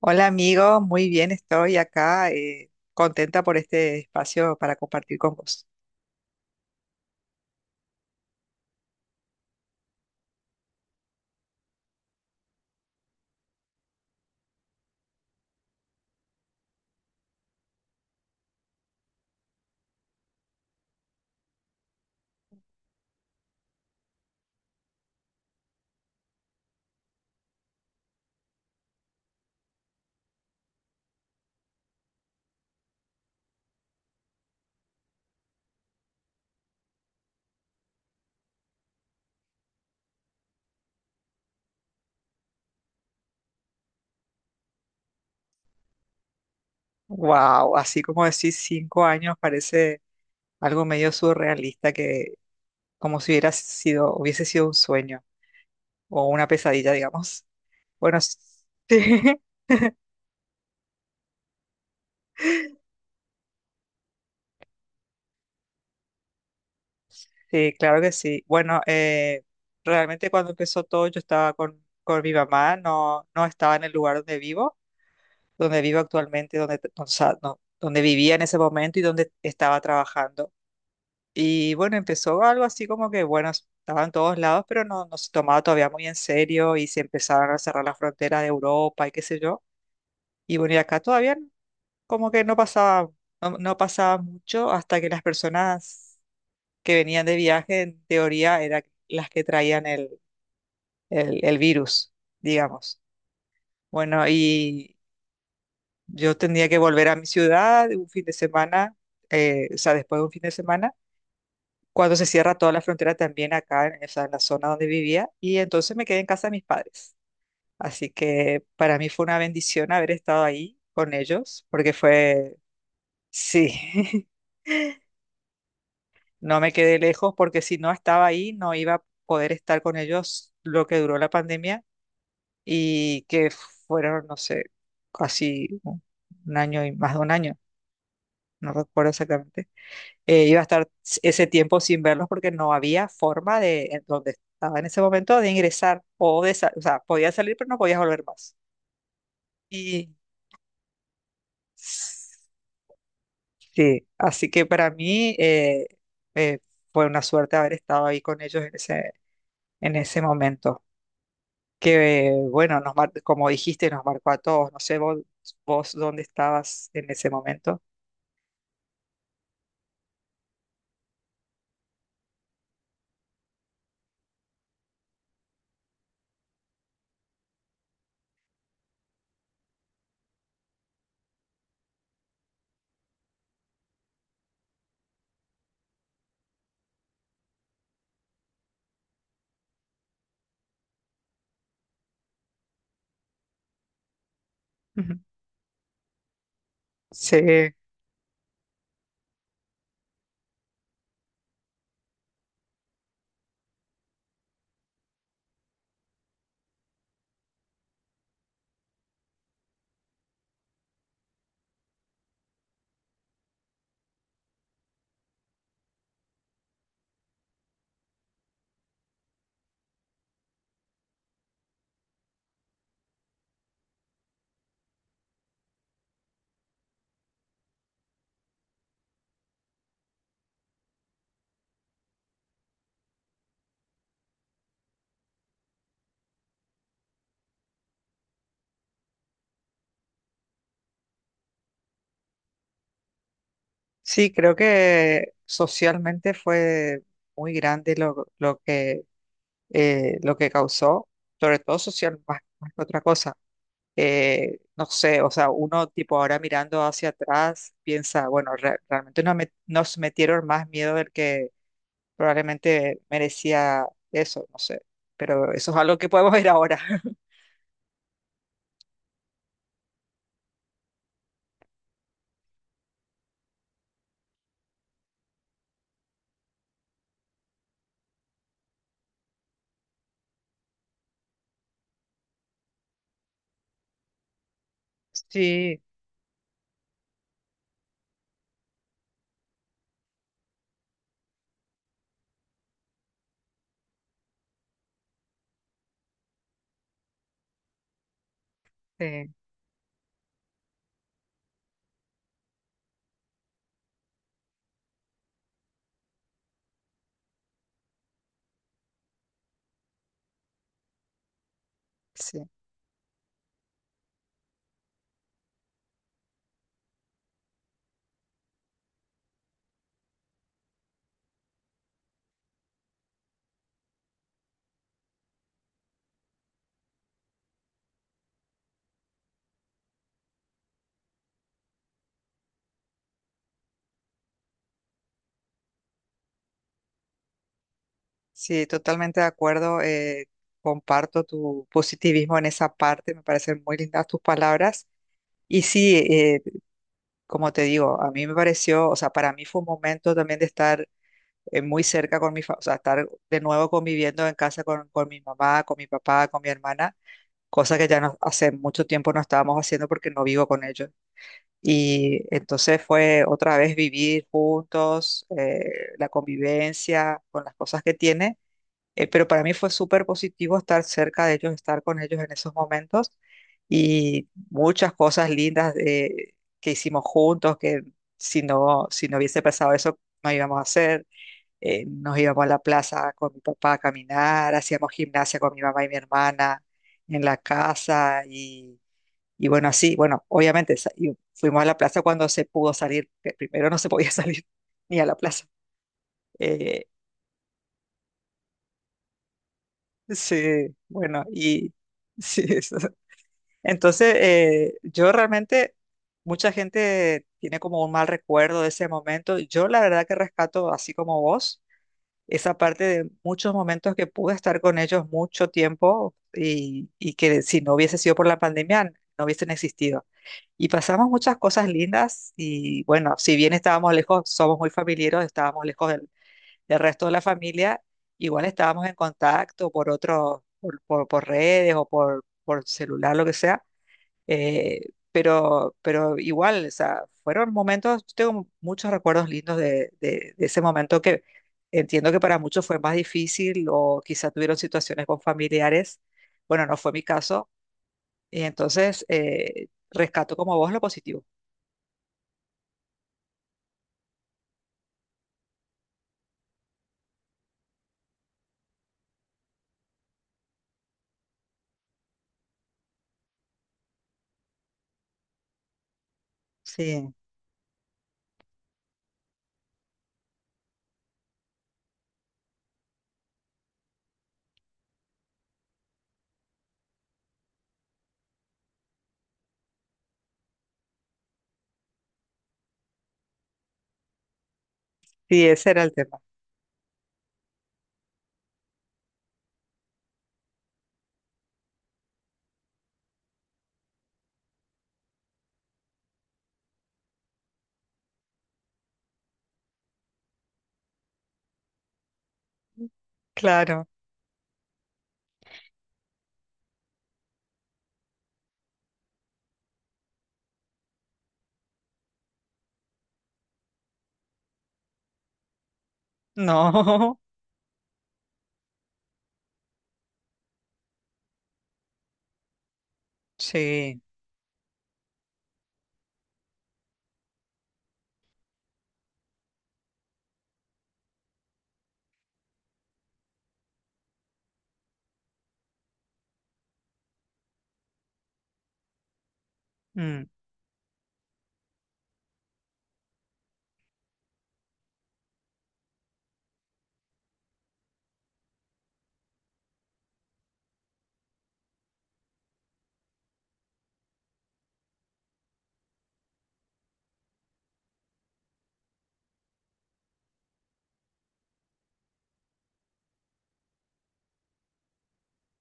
Hola amigo, muy bien, estoy acá contenta por este espacio para compartir con vos. Wow, así como decís, cinco años parece algo medio surrealista que como si hubiera sido, hubiese sido un sueño o una pesadilla, digamos. Bueno, sí, sí, claro que sí. Bueno, realmente cuando empezó todo yo estaba con mi mamá, no, no estaba en el lugar donde vivo. Donde vivo actualmente, donde, o sea, no, donde vivía en ese momento y donde estaba trabajando. Y bueno, empezó algo así como que, bueno, estaba en todos lados, pero no, no se tomaba todavía muy en serio y se empezaban a cerrar las fronteras de Europa y qué sé yo. Y bueno, y acá todavía no- como que no pasaba, no, no pasaba mucho hasta que las personas que venían de viaje, en teoría, eran las que traían el virus, digamos. Bueno, y yo tenía que volver a mi ciudad un fin de semana, o sea, después de un fin de semana, cuando se cierra toda la frontera también acá, en, o sea, en la zona donde vivía, y entonces me quedé en casa de mis padres. Así que para mí fue una bendición haber estado ahí con ellos, porque fue, sí, no me quedé lejos, porque si no estaba ahí, no iba a poder estar con ellos lo que duró la pandemia, y que fueron, no sé, casi un año y más de un año, no recuerdo exactamente. Eh, iba a estar ese tiempo sin verlos porque no había forma de, en donde estaba en ese momento, de ingresar o de, o sea, podía salir pero no podías volver más. Y sí, así que para mí eh, fue una suerte haber estado ahí con ellos en ese momento. Que bueno, como dijiste, nos marcó a todos. No sé vos, vos dónde estabas en ese momento. Ujú. Sí, sí, creo que socialmente fue muy grande lo que lo que causó, sobre todo social, más, más que otra cosa. No sé, o sea, uno tipo ahora mirando hacia atrás piensa, bueno, realmente nos, nos metieron más miedo del que probablemente merecía eso, no sé, pero eso es algo que podemos ver ahora. Sí, sí, sí, sí, totalmente de acuerdo. Comparto tu positivismo en esa parte, me parecen muy lindas tus palabras. Y sí, como te digo, a mí me pareció, o sea, para mí fue un momento también de estar muy cerca con o sea, estar de nuevo conviviendo en casa con mi mamá, con mi papá, con mi hermana, cosa que ya no, hace mucho tiempo no estábamos haciendo porque no vivo con ellos. Y entonces fue otra vez vivir juntos, la convivencia con las cosas que tiene, pero para mí fue súper positivo estar cerca de ellos, estar con ellos en esos momentos y muchas cosas lindas que hicimos juntos, que si no, si no hubiese pasado eso, no íbamos a hacer. Nos íbamos a la plaza con mi papá a caminar, hacíamos gimnasia con mi mamá y mi hermana en la casa y bueno, así, bueno, obviamente y fuimos a la plaza cuando se pudo salir, que primero no se podía salir ni a la plaza. Eh, sí, bueno, y... Sí, eso. Entonces, yo realmente, mucha gente tiene como un mal recuerdo de ese momento. Yo la verdad que rescato, así como vos, esa parte de muchos momentos que pude estar con ellos mucho tiempo y que si no hubiese sido por la pandemia, no hubiesen existido. Y pasamos muchas cosas lindas y bueno, si bien estábamos lejos, somos muy familiares, estábamos lejos del, del resto de la familia, igual estábamos en contacto por otros, por redes o por celular, lo que sea. Eh, pero igual, o sea, fueron momentos, yo tengo muchos recuerdos lindos de ese momento que entiendo que para muchos fue más difícil o quizá tuvieron situaciones con familiares. Bueno, no fue mi caso. Y entonces rescato como vos lo positivo. Sí, sí, ese era el tema. Claro, no, sí. Mm.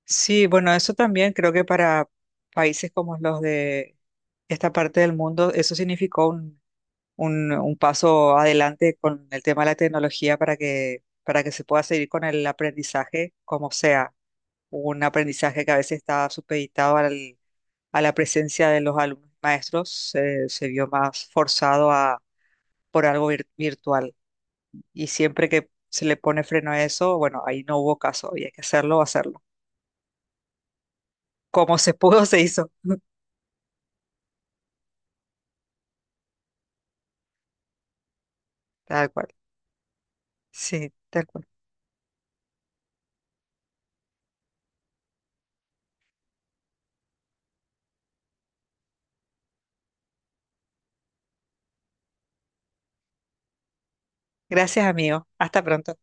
Sí, bueno, eso también creo que para países como los de esta parte del mundo, eso significó un paso adelante con el tema de la tecnología para que se pueda seguir con el aprendizaje como sea. Un aprendizaje que a veces está supeditado a la presencia de los alumnos y maestros, se vio más forzado a, por algo virtual. Y siempre que se le pone freno a eso, bueno, ahí no hubo caso y hay que hacerlo, hacerlo. Como se pudo, se hizo. Tal cual. Sí, tal cual. Gracias, amigo. Hasta pronto.